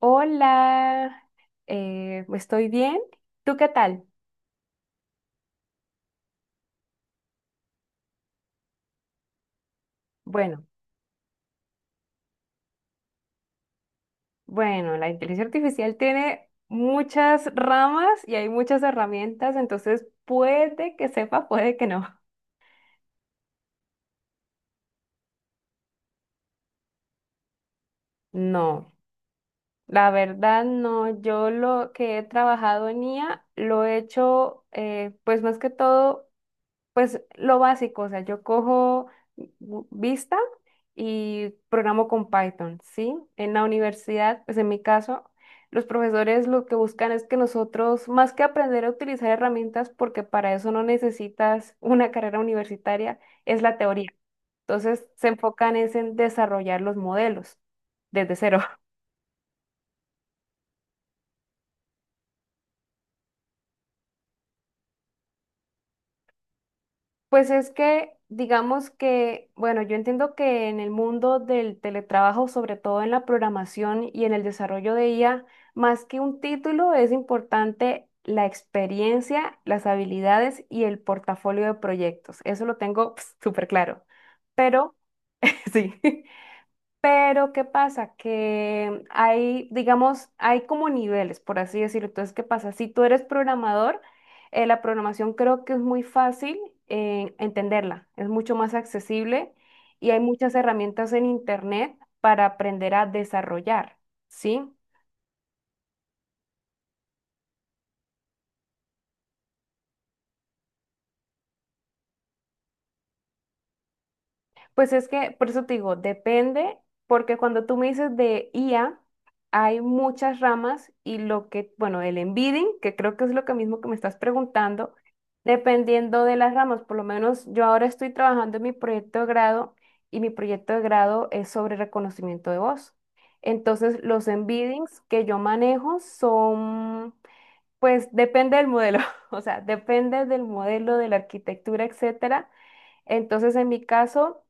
Hola, estoy bien. ¿Tú qué tal? Bueno, bueno, la inteligencia artificial tiene muchas ramas y hay muchas herramientas, entonces puede que sepa, puede que no. No, la verdad no. Yo lo que he trabajado en IA lo he hecho, pues más que todo. Pues lo básico, o sea, yo cojo Vista y programo con Python, ¿sí? En la universidad, pues en mi caso, los profesores lo que buscan es que nosotros, más que aprender a utilizar herramientas, porque para eso no necesitas una carrera universitaria, es la teoría. Entonces se enfocan es en desarrollar los modelos desde cero. Pues es que, digamos que, bueno, yo entiendo que en el mundo del teletrabajo, sobre todo en la programación y en el desarrollo de IA, más que un título, es importante la experiencia, las habilidades y el portafolio de proyectos. Eso lo tengo súper claro. Pero, sí. Pero, ¿qué pasa? Que hay, digamos, hay como niveles, por así decirlo. Entonces, ¿qué pasa? Si tú eres programador, la programación creo que es muy fácil entenderla, es mucho más accesible y hay muchas herramientas en Internet para aprender a desarrollar, ¿sí? Pues es que, por eso te digo, depende, porque cuando tú me dices de IA, hay muchas ramas y lo que, bueno, el embedding, que creo que es lo que mismo que me estás preguntando, dependiendo de las ramas, por lo menos yo ahora estoy trabajando en mi proyecto de grado y mi proyecto de grado es sobre reconocimiento de voz. Entonces, los embeddings que yo manejo son, pues depende del modelo, o sea, depende del modelo, de la arquitectura, etcétera. Entonces, en mi caso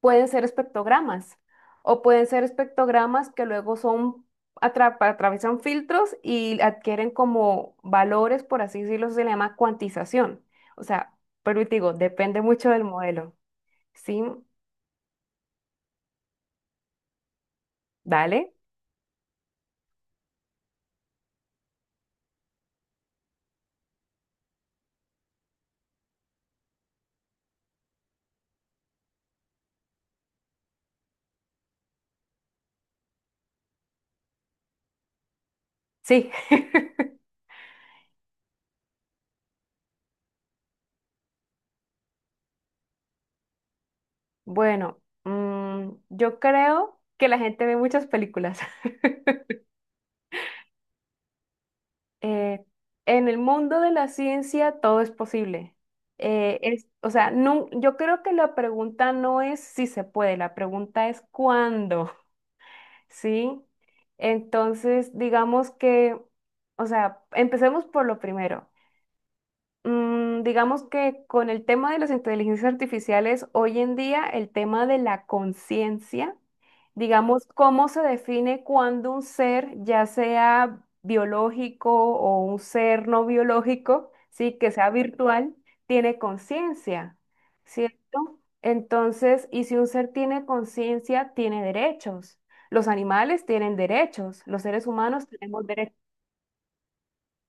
pueden ser espectrogramas o pueden ser espectrogramas que luego son atraviesan filtros y adquieren como valores, por así decirlo, se le llama cuantización. O sea, pero te digo, depende mucho del modelo. Sí, dale. Sí. Bueno, yo creo que la gente ve muchas películas. eh, en el mundo de la ciencia todo es posible. O sea, no, yo creo que la pregunta no es si se puede, la pregunta es cuándo, ¿sí? Entonces, digamos que, o sea, empecemos por lo primero. Digamos que con el tema de las inteligencias artificiales, hoy en día el tema de la conciencia, digamos, cómo se define cuando un ser, ya sea biológico o un ser no biológico, sí, que sea virtual, tiene conciencia, ¿cierto? Entonces, y si un ser tiene conciencia, tiene derechos. Los animales tienen derechos, los seres humanos tenemos derechos.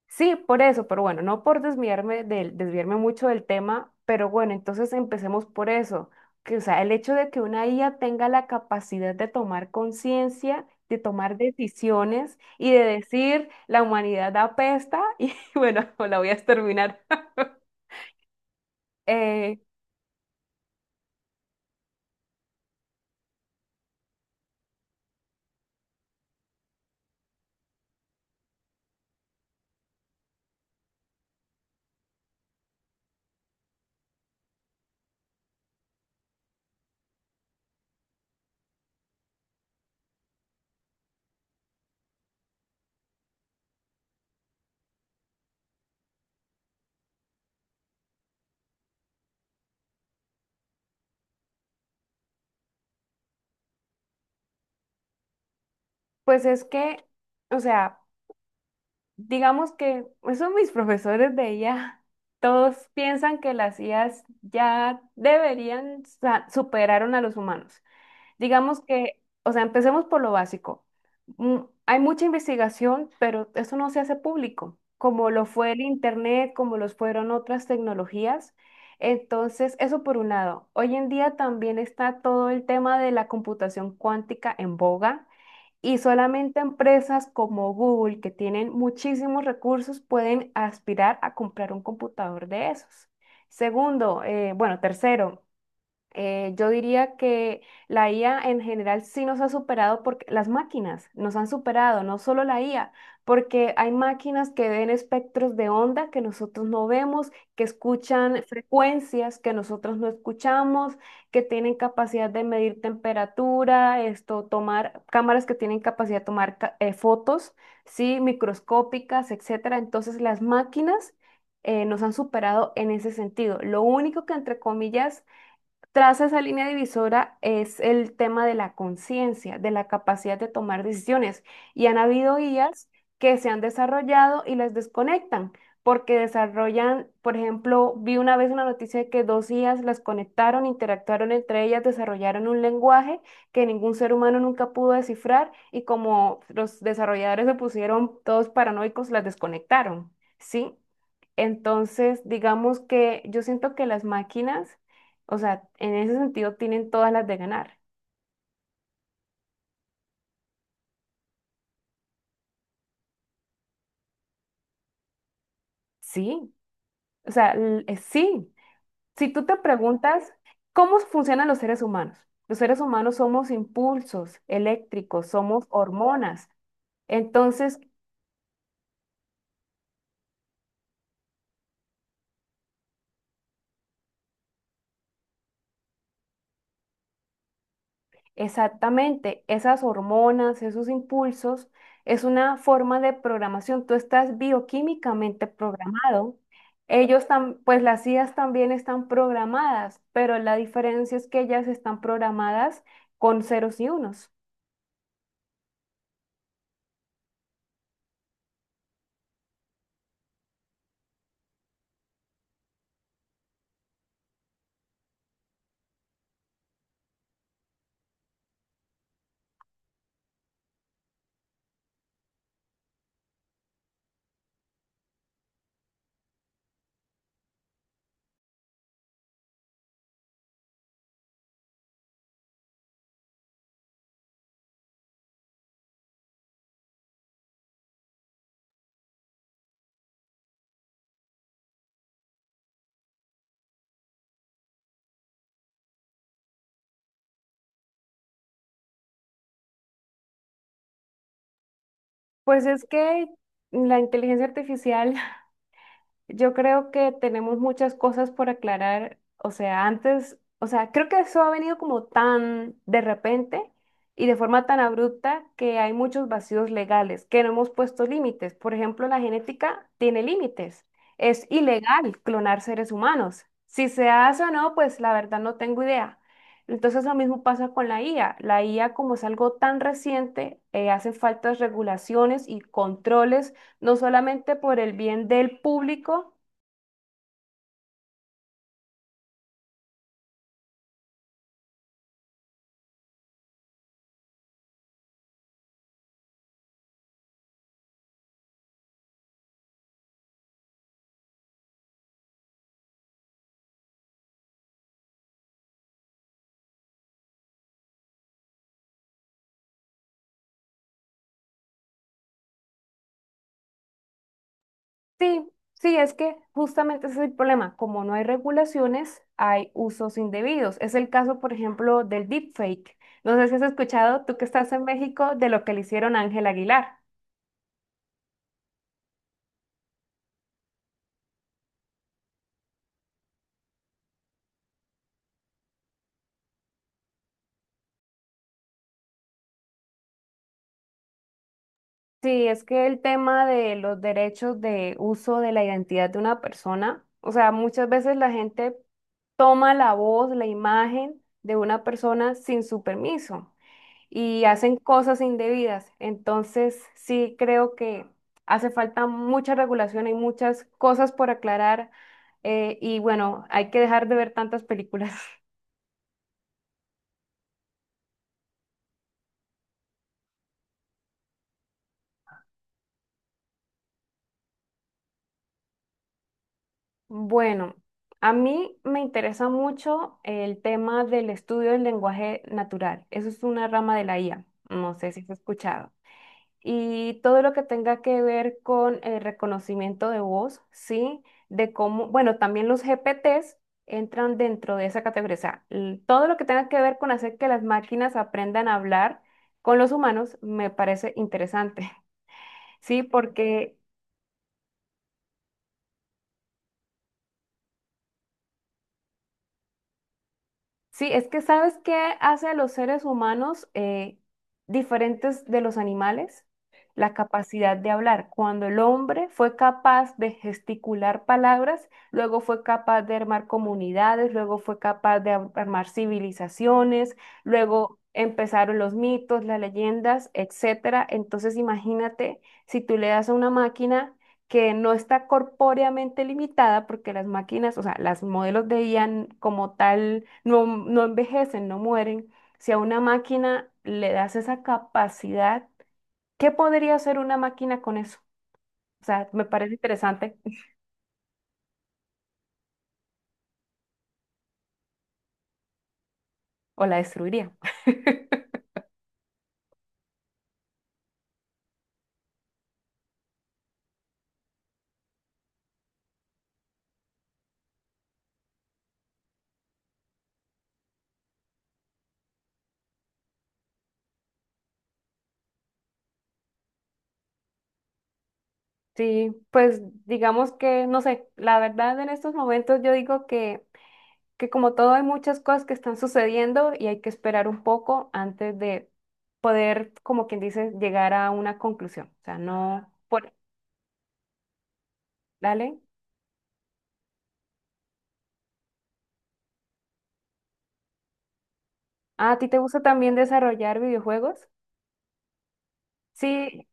Sí, por eso, pero bueno, no por desviarme del, desviarme mucho del tema, pero bueno, entonces empecemos por eso, que o sea, el hecho de que una IA tenga la capacidad de tomar conciencia, de tomar decisiones y de decir la humanidad apesta y bueno, la voy a exterminar. Eh, pues es que, o sea, digamos que esos mis profesores de IA, todos piensan que las IAs ya deberían superar a los humanos. Digamos que, o sea, empecemos por lo básico. Mm, Hay mucha investigación, pero eso no se hace público, como lo fue el Internet, como los fueron otras tecnologías. Entonces, eso por un lado. Hoy en día también está todo el tema de la computación cuántica en boga. Y solamente empresas como Google, que tienen muchísimos recursos, pueden aspirar a comprar un computador de esos. Segundo, bueno, tercero, yo diría que la IA en general sí nos ha superado porque las máquinas nos han superado, no solo la IA, porque hay máquinas que ven espectros de onda que nosotros no vemos, que escuchan frecuencias que nosotros no escuchamos, que tienen capacidad de medir temperatura, esto, tomar cámaras que tienen capacidad de tomar fotos, sí, microscópicas, etcétera. Entonces las máquinas nos han superado en ese sentido. Lo único que entre comillas traza esa línea divisora es el tema de la conciencia, de la capacidad de tomar decisiones. Y han habido IAs que se han desarrollado y las desconectan, porque desarrollan, por ejemplo, vi una vez una noticia de que dos IAs las conectaron, interactuaron entre ellas, desarrollaron un lenguaje que ningún ser humano nunca pudo descifrar y como los desarrolladores se pusieron todos paranoicos, las desconectaron, ¿sí? Entonces, digamos que yo siento que las máquinas o sea, en ese sentido tienen todas las de ganar. Sí, o sea, sí. Si tú te preguntas cómo funcionan los seres humanos somos impulsos eléctricos, somos hormonas. Entonces, exactamente, esas hormonas, esos impulsos, es una forma de programación. Tú estás bioquímicamente programado. Pues las IAs también están programadas, pero la diferencia es que ellas están programadas con ceros y unos. Pues es que la inteligencia artificial, yo creo que tenemos muchas cosas por aclarar. O sea, antes, o sea, creo que eso ha venido como tan de repente y de forma tan abrupta que hay muchos vacíos legales, que no hemos puesto límites. Por ejemplo, la genética tiene límites. Es ilegal clonar seres humanos. Si se hace o no, pues la verdad no tengo idea. Entonces lo mismo pasa con la IA. La IA, como es algo tan reciente, hacen falta regulaciones y controles no solamente por el bien del público. Sí, sí, es que justamente ese es el problema. Como no hay regulaciones, hay usos indebidos. Es el caso, por ejemplo, del deepfake. No sé si has escuchado, tú que estás en México, de lo que le hicieron a Ángel Aguilar. Sí, es que el tema de los derechos de uso de la identidad de una persona, o sea, muchas veces la gente toma la voz, la imagen de una persona sin su permiso. Y hacen cosas indebidas. Entonces, sí creo que hace falta mucha regulación, hay muchas cosas por aclarar y bueno, hay que dejar de ver tantas películas. Bueno, a mí me interesa mucho el tema del estudio del lenguaje natural. Eso es una rama de la IA. No sé si has escuchado. Y todo lo que tenga que ver con el reconocimiento de voz, ¿sí? De cómo, bueno, también los GPTs entran dentro de esa categoría, o sea, todo lo que tenga que ver con hacer que las máquinas aprendan a hablar con los humanos me parece interesante, ¿sí? Porque. Sí, es que ¿sabes qué hace a los seres humanos diferentes de los animales? La capacidad de hablar. Cuando el hombre fue capaz de gesticular palabras, luego fue capaz de armar comunidades, luego fue capaz de armar civilizaciones, luego empezaron los mitos, las leyendas, etcétera. Entonces imagínate si tú le das a una máquina que no está corpóreamente limitada porque las máquinas, o sea, las modelos de IA como tal no, no envejecen, no mueren. Si a una máquina le das esa capacidad, ¿qué podría hacer una máquina con eso? O sea, me parece interesante o la destruiría. Sí, pues digamos que, no sé, la verdad en estos momentos yo digo que como todo hay muchas cosas que están sucediendo y hay que esperar un poco antes de poder, como quien dice, llegar a una conclusión. O sea, no, por, dale. Ah, ¿a ti te gusta también desarrollar videojuegos? Sí,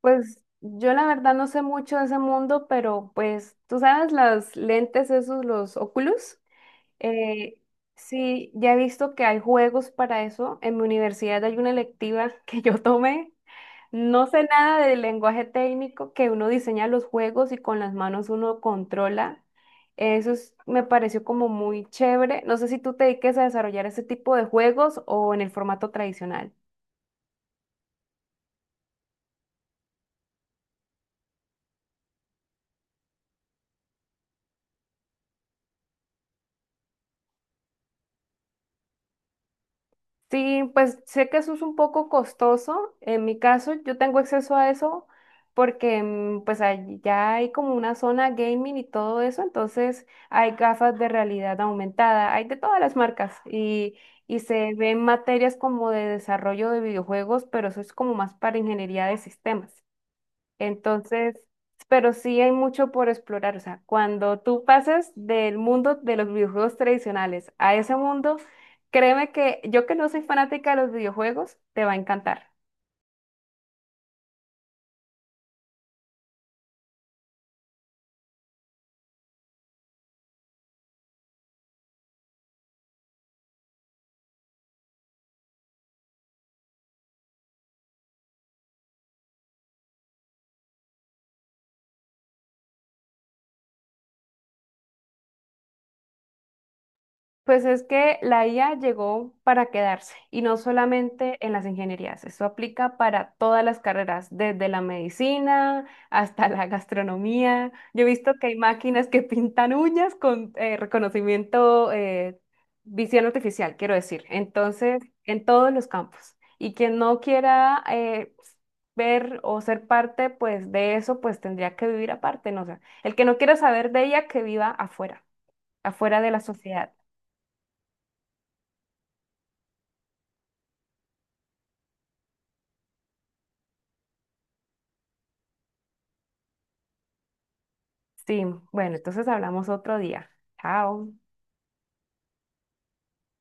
pues yo la verdad no sé mucho de ese mundo, pero pues tú sabes, las lentes esos, los Oculus, eh, sí, ya he visto que hay juegos para eso. En mi universidad hay una electiva que yo tomé. No sé nada del lenguaje técnico que uno diseña los juegos y con las manos uno controla. Me pareció como muy chévere. No sé si tú te dediques a desarrollar ese tipo de juegos o en el formato tradicional. Sí, pues sé que eso es un poco costoso. En mi caso, yo tengo acceso a eso porque pues ahí ya hay como una zona gaming y todo eso, entonces hay gafas de realidad aumentada, hay de todas las marcas y se ven materias como de desarrollo de videojuegos, pero eso es como más para ingeniería de sistemas. Entonces, pero sí hay mucho por explorar. O sea, cuando tú pasas del mundo de los videojuegos tradicionales a ese mundo, créeme que yo que no soy fanática de los videojuegos, te va a encantar. Pues es que la IA llegó para quedarse y no solamente en las ingenierías, eso aplica para todas las carreras, desde la medicina hasta la gastronomía. Yo he visto que hay máquinas que pintan uñas con reconocimiento, visión artificial, quiero decir, entonces en todos los campos. Y quien no quiera ver o ser parte pues de eso, pues tendría que vivir aparte, no sé. El que no quiera saber de ella, que viva afuera, afuera de la sociedad. Sí, bueno, entonces hablamos otro día. Chao.